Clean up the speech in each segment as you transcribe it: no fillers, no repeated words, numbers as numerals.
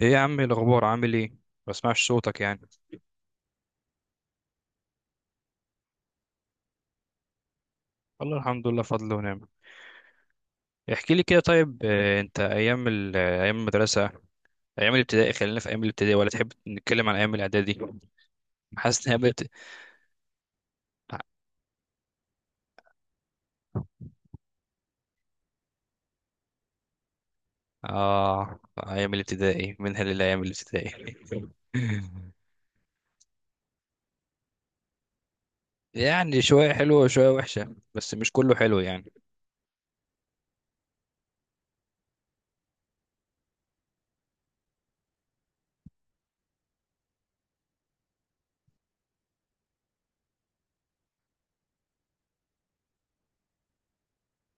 ايه يا عم؟ إيه الاخبار؟ عامل ايه؟ ما بسمعش صوتك يعني. والله الحمد لله، فضل ونعم. احكي لي كده طيب. انت ايام ايام المدرسه، ايام الابتدائي؟ خلينا في ايام الابتدائي، ولا تحب نتكلم عن ايام الاعدادي؟ حاسس ان اه، ايام الابتدائي منها للايام الابتدائي. يعني شويه حلوه وشويه وحشه، بس مش كله حلو يعني.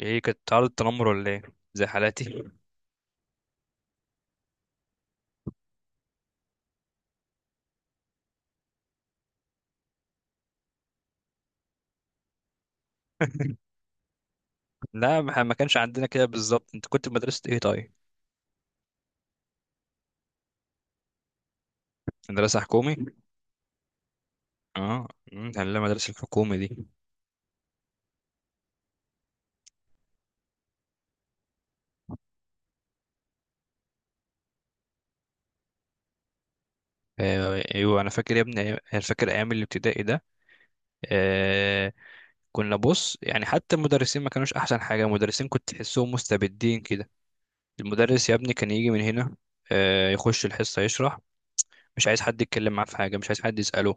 ايه، كانت عرض التنمر ولا ايه؟ زي حالاتي. لا، ما ما كانش عندنا كده بالظبط. انت كنت في مدرسه ايه طيب؟ مدرسه حكومي؟ اه. مم، ده اللي المدرسة الحكومة دي. آه، ايوه، انا فاكر يا ابني انا فاكر ايام الابتدائي ده. آه، كنا بص يعني، حتى المدرسين ما كانوش احسن حاجة. المدرسين كنت تحسهم مستبدين كده. المدرس يا ابني كان يجي من هنا، يخش الحصة يشرح، مش عايز حد يتكلم معاه في حاجة، مش عايز حد يسأله.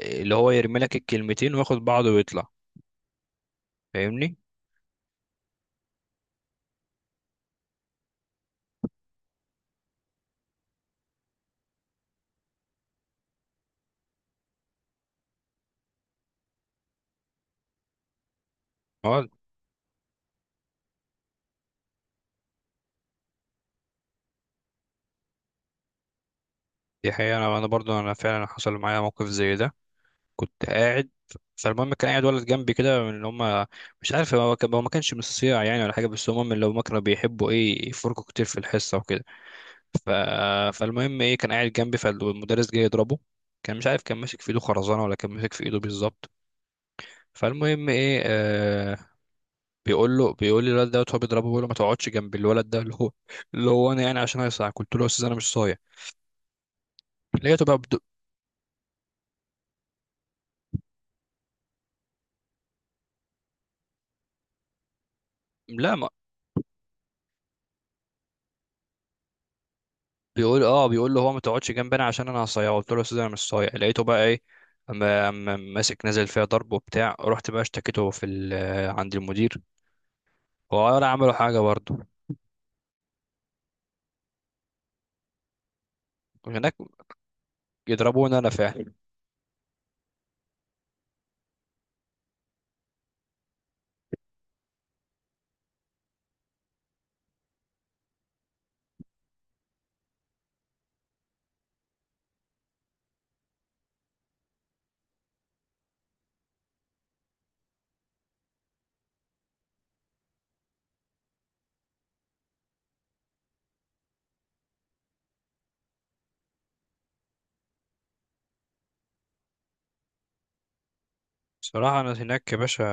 اللي هو يرمي لك الكلمتين وياخد بعضه ويطلع. فاهمني؟ اه. دي حقيقة، أنا برضو انا فعلا حصل معايا موقف زي ده. كنت قاعد. فالمهم كان قاعد ولد جنبي كده من اللي هم، مش عارف، هو ما كانش من الصيع يعني ولا حاجه، بس هم من اللي هم كانوا بيحبوا ايه، يفركوا كتير في الحصه وكده. ف... فالمهم ايه، كان قاعد جنبي، فالمدرس جه يضربه. كان مش عارف، كان ماسك في ايده خرزانه ولا كان ماسك في ايده بالظبط. فالمهم ايه، آه، بيقول لي الولد دوت هو بيضربه، بيقول له ما تقعدش جنب الولد ده اللي هو، اللي هو انا يعني، عشان هيصاع. قلت له يا استاذ، انا مش صايع. لقيته بقى بد... لا، بيقول اه بيقول له هو ما تقعدش جنبنا عشان انا هصيعه. قلت له يا استاذ انا مش صايع. لقيته بقى ايه، أما ماسك نازل فيها ضرب وبتاع. رحت بقى اشتكيته في عند المدير، هو ولا عملوا حاجه برضه. هناك يضربوني انا فعلا. صراحه انا هناك يا باشا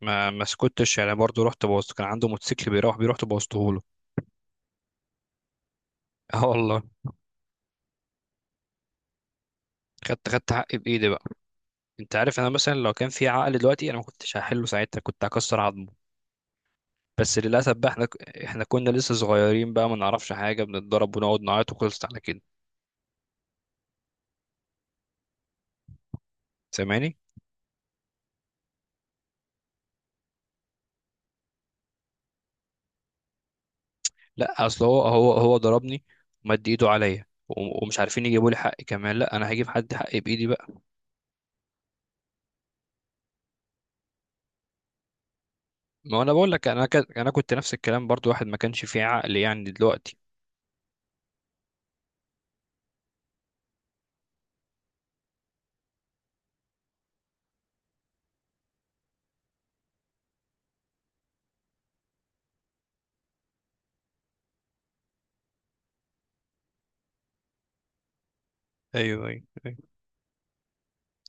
ما سكتش يعني برضه. رحت بوظت، كان عنده موتوسيكل بيروح بيه، رحت بوظته له. اه والله، خدت حقي بايدي بقى. انت عارف انا مثلا لو كان في عقل دلوقتي، انا ما كنتش هحله ساعتها، كنت هكسر عظمه. بس للأسف بقى احنا، احنا كنا لسه صغيرين بقى ما نعرفش حاجة، بنتضرب ونقعد نعيط وخلصت على كده. سامعني؟ لا اصل هو ضربني، ومد ايده عليا ومش عارفين يجيبوا لي حقي كمان. لا، انا هجيب حد حقي بايدي بقى. ما انا بقول لك، انا كنت نفس الكلام برضو، واحد ما كانش فيه عقل يعني دلوقتي. ايوه ايوه ايوه.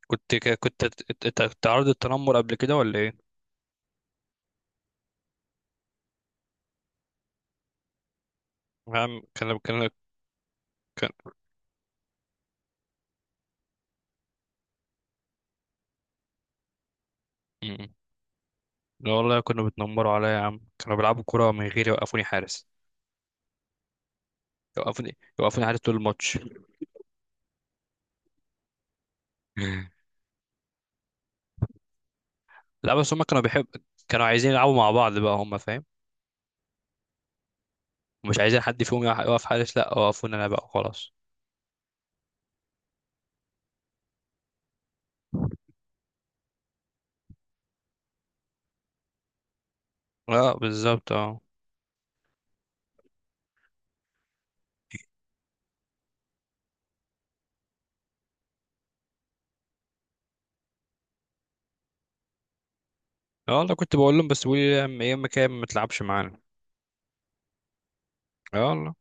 كنت تعرض التنمر قبل كده ولا ايه؟ عم كان كان كان م- لا والله، كانوا بيتنمروا عليا يا عم. كانوا بيلعبوا كرة من غير يوقفوني حارس. يوقفوني حارس طول الماتش. لا بس هم كانوا بيحب، كانوا عايزين يلعبوا مع بعض بقى هم، فاهم؟ ومش عايزين حد فيهم يقف حارس. لا، وقفونا انا بقى خلاص. اه بالظبط اه. يلا كنت بقول لهم، بس بيقولوا لي يا اما كده ما تلعبش معانا. يلا.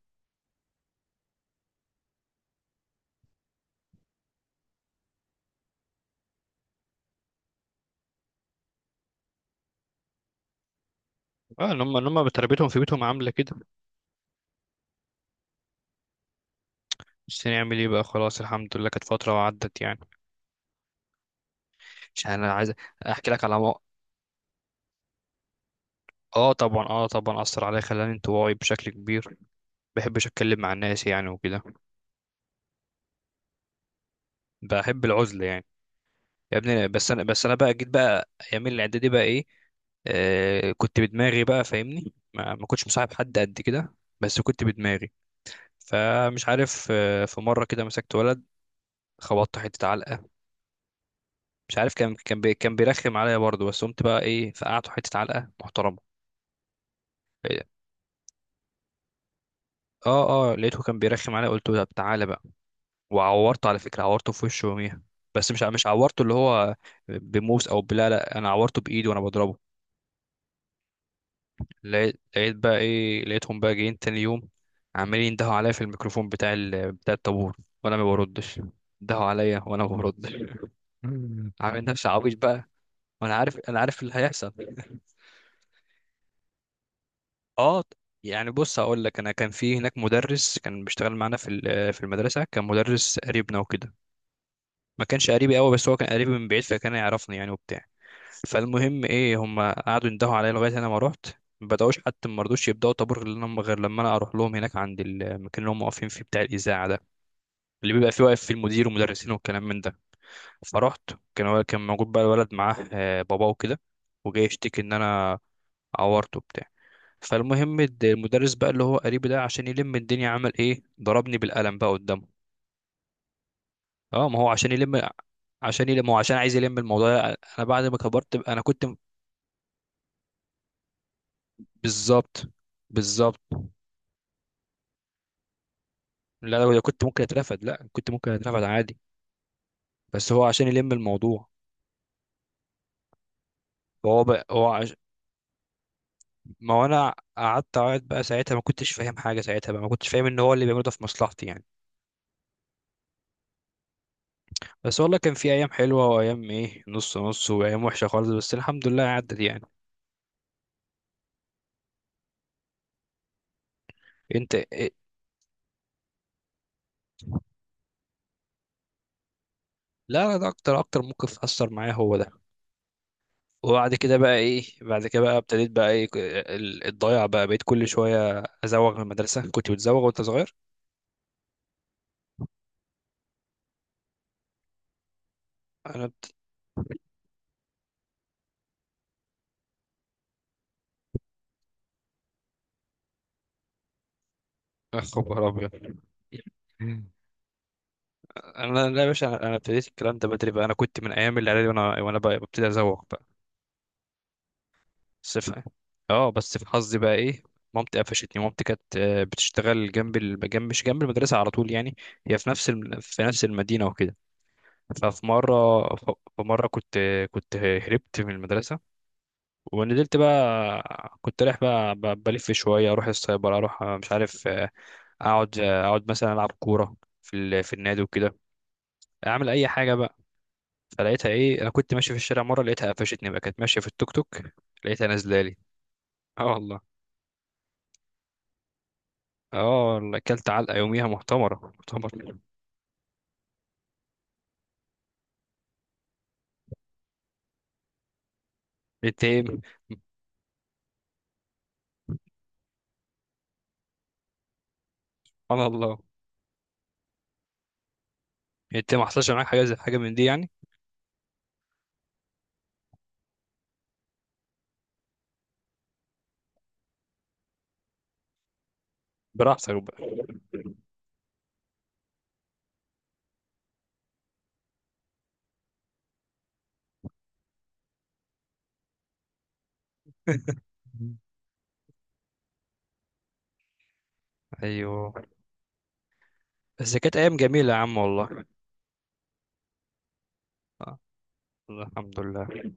اه ان هم، ان هم بتربيتهم في بيتهم عامله كده. بس نعمل ايه بقى، خلاص الحمد لله، كانت فتره وعدت يعني. مش انا عايز احكي لك على مو... اه طبعا اه طبعا اثر عليا، خلاني انطوائي بشكل كبير. بحبش اتكلم مع الناس يعني وكده. بحب العزله يعني. يا ابني، بس انا بقى جيت بقى ايام الاعدادي بقى ايه، آه كنت بدماغي بقى، فاهمني؟ ما كنتش مصاحب حد قد كده، بس كنت بدماغي. فمش عارف، آه في مره كده مسكت ولد، خبطت حته علقه. مش عارف، كان بيرخم عليا برضه، بس قمت بقى ايه فقعته حته علقه محترمه. إيه، اه اه، لقيته كان بيرخم عليا، قلت له طب تعالى بقى. وعورته على فكره، عورته في وشه يوميها. بس مش عورته اللي هو بموس او لا، انا عورته بايدي وانا بضربه. لقيت بقى ايه، لقيتهم بقى جايين تاني يوم عمالين يندهوا عليا في الميكروفون بتاع الطابور، وانا ما بردش. يندهوا عليا وانا ما بردش، عامل نفسي عبيط بقى، وانا عارف اللي هيحصل. اه. يعني بص هقول لك، انا كان في هناك مدرس كان بيشتغل معانا في المدرسه، كان مدرس قريبنا وكده. ما كانش قريبي قوي، بس هو كان قريبي من بعيد، فكان يعرفني يعني وبتاع. فالمهم ايه، هم قعدوا يندهوا عليا لغايه انا ما رحت. ما بداوش، حتى ما رضوش يبداوا طابور غير لما انا اروح لهم هناك عند المكان اللي هم واقفين فيه، بتاع الاذاعه ده، اللي بيبقى فيه واقف فيه المدير والمدرسين والكلام من ده. فرحت. كان موجود بقى الولد، معاه باباه وكده، وجاي يشتكي ان انا عورته بتاع. فالمهم المدرس بقى اللي هو قريبي ده، عشان يلم الدنيا عمل ايه، ضربني بالقلم بقى قدامه. اه ما هو عشان يلم، عشان يلم هو، عشان عايز يلم الموضوع. انا بعد ما كبرت بقى- انا كنت، بالظبط بالظبط. لا، لو كنت ممكن اترفد، لا كنت ممكن اترفد عادي، بس هو عشان يلم الموضوع. فهو بقى هو عش... ما هو انا قعدت اقعد بقى ساعتها، ما كنتش فاهم حاجه ساعتها بقى، ما كنتش فاهم ان هو اللي بيعمله ده في مصلحتي يعني. بس والله كان في ايام حلوه، وايام ايه نص نص، وايام وحشه خالص، بس الحمد لله عدت يعني. انت إيه؟ لا لا، ده اكتر، اكتر موقف اثر معايا هو ده. وبعد كده بقى ايه، بعد كده بقى ابتديت بقى ايه الضياع بقى، بقيت كل شويه ازوغ من المدرسه. كنت بتزوغ وانت صغير؟ انا بت... يا خبر ابيض. انا لا يا باشا، انا ابتديت الكلام ده بدري بقى، انا كنت من ايام الاعدادي وانا، بقى ببتدي ازوق بقى. بس ف- اه بس في حظي بقى ايه، مامتي قفشتني. مامتي كانت، بتشتغل جنب جنب، مش جنب المدرسه على طول يعني، هي في في نفس المدينه وكده. ففي مره ف- في مره كنت، كنت هربت من المدرسه، ونزلت بقى كنت رايح بقى بلف شويه، اروح السايبر، اروح مش عارف، اقعد مثلا العب كوره في النادي وكده، اعمل اي حاجه بقى. فلقيتها ايه، انا كنت ماشي في الشارع مره، لقيتها قفشتني بقى، كانت ماشيه في التوك توك، لقيتها نازله لي. اه والله. اه والله اكلت علقه يوميها، محتمره محتمره. انت ايه؟ سبحان الله. انت ما حصلش معاك حاجه زي حاجه من دي يعني؟ براحتك بقى. ايوه. بس كانت ايام جميله يا عم والله. آه، الحمد لله.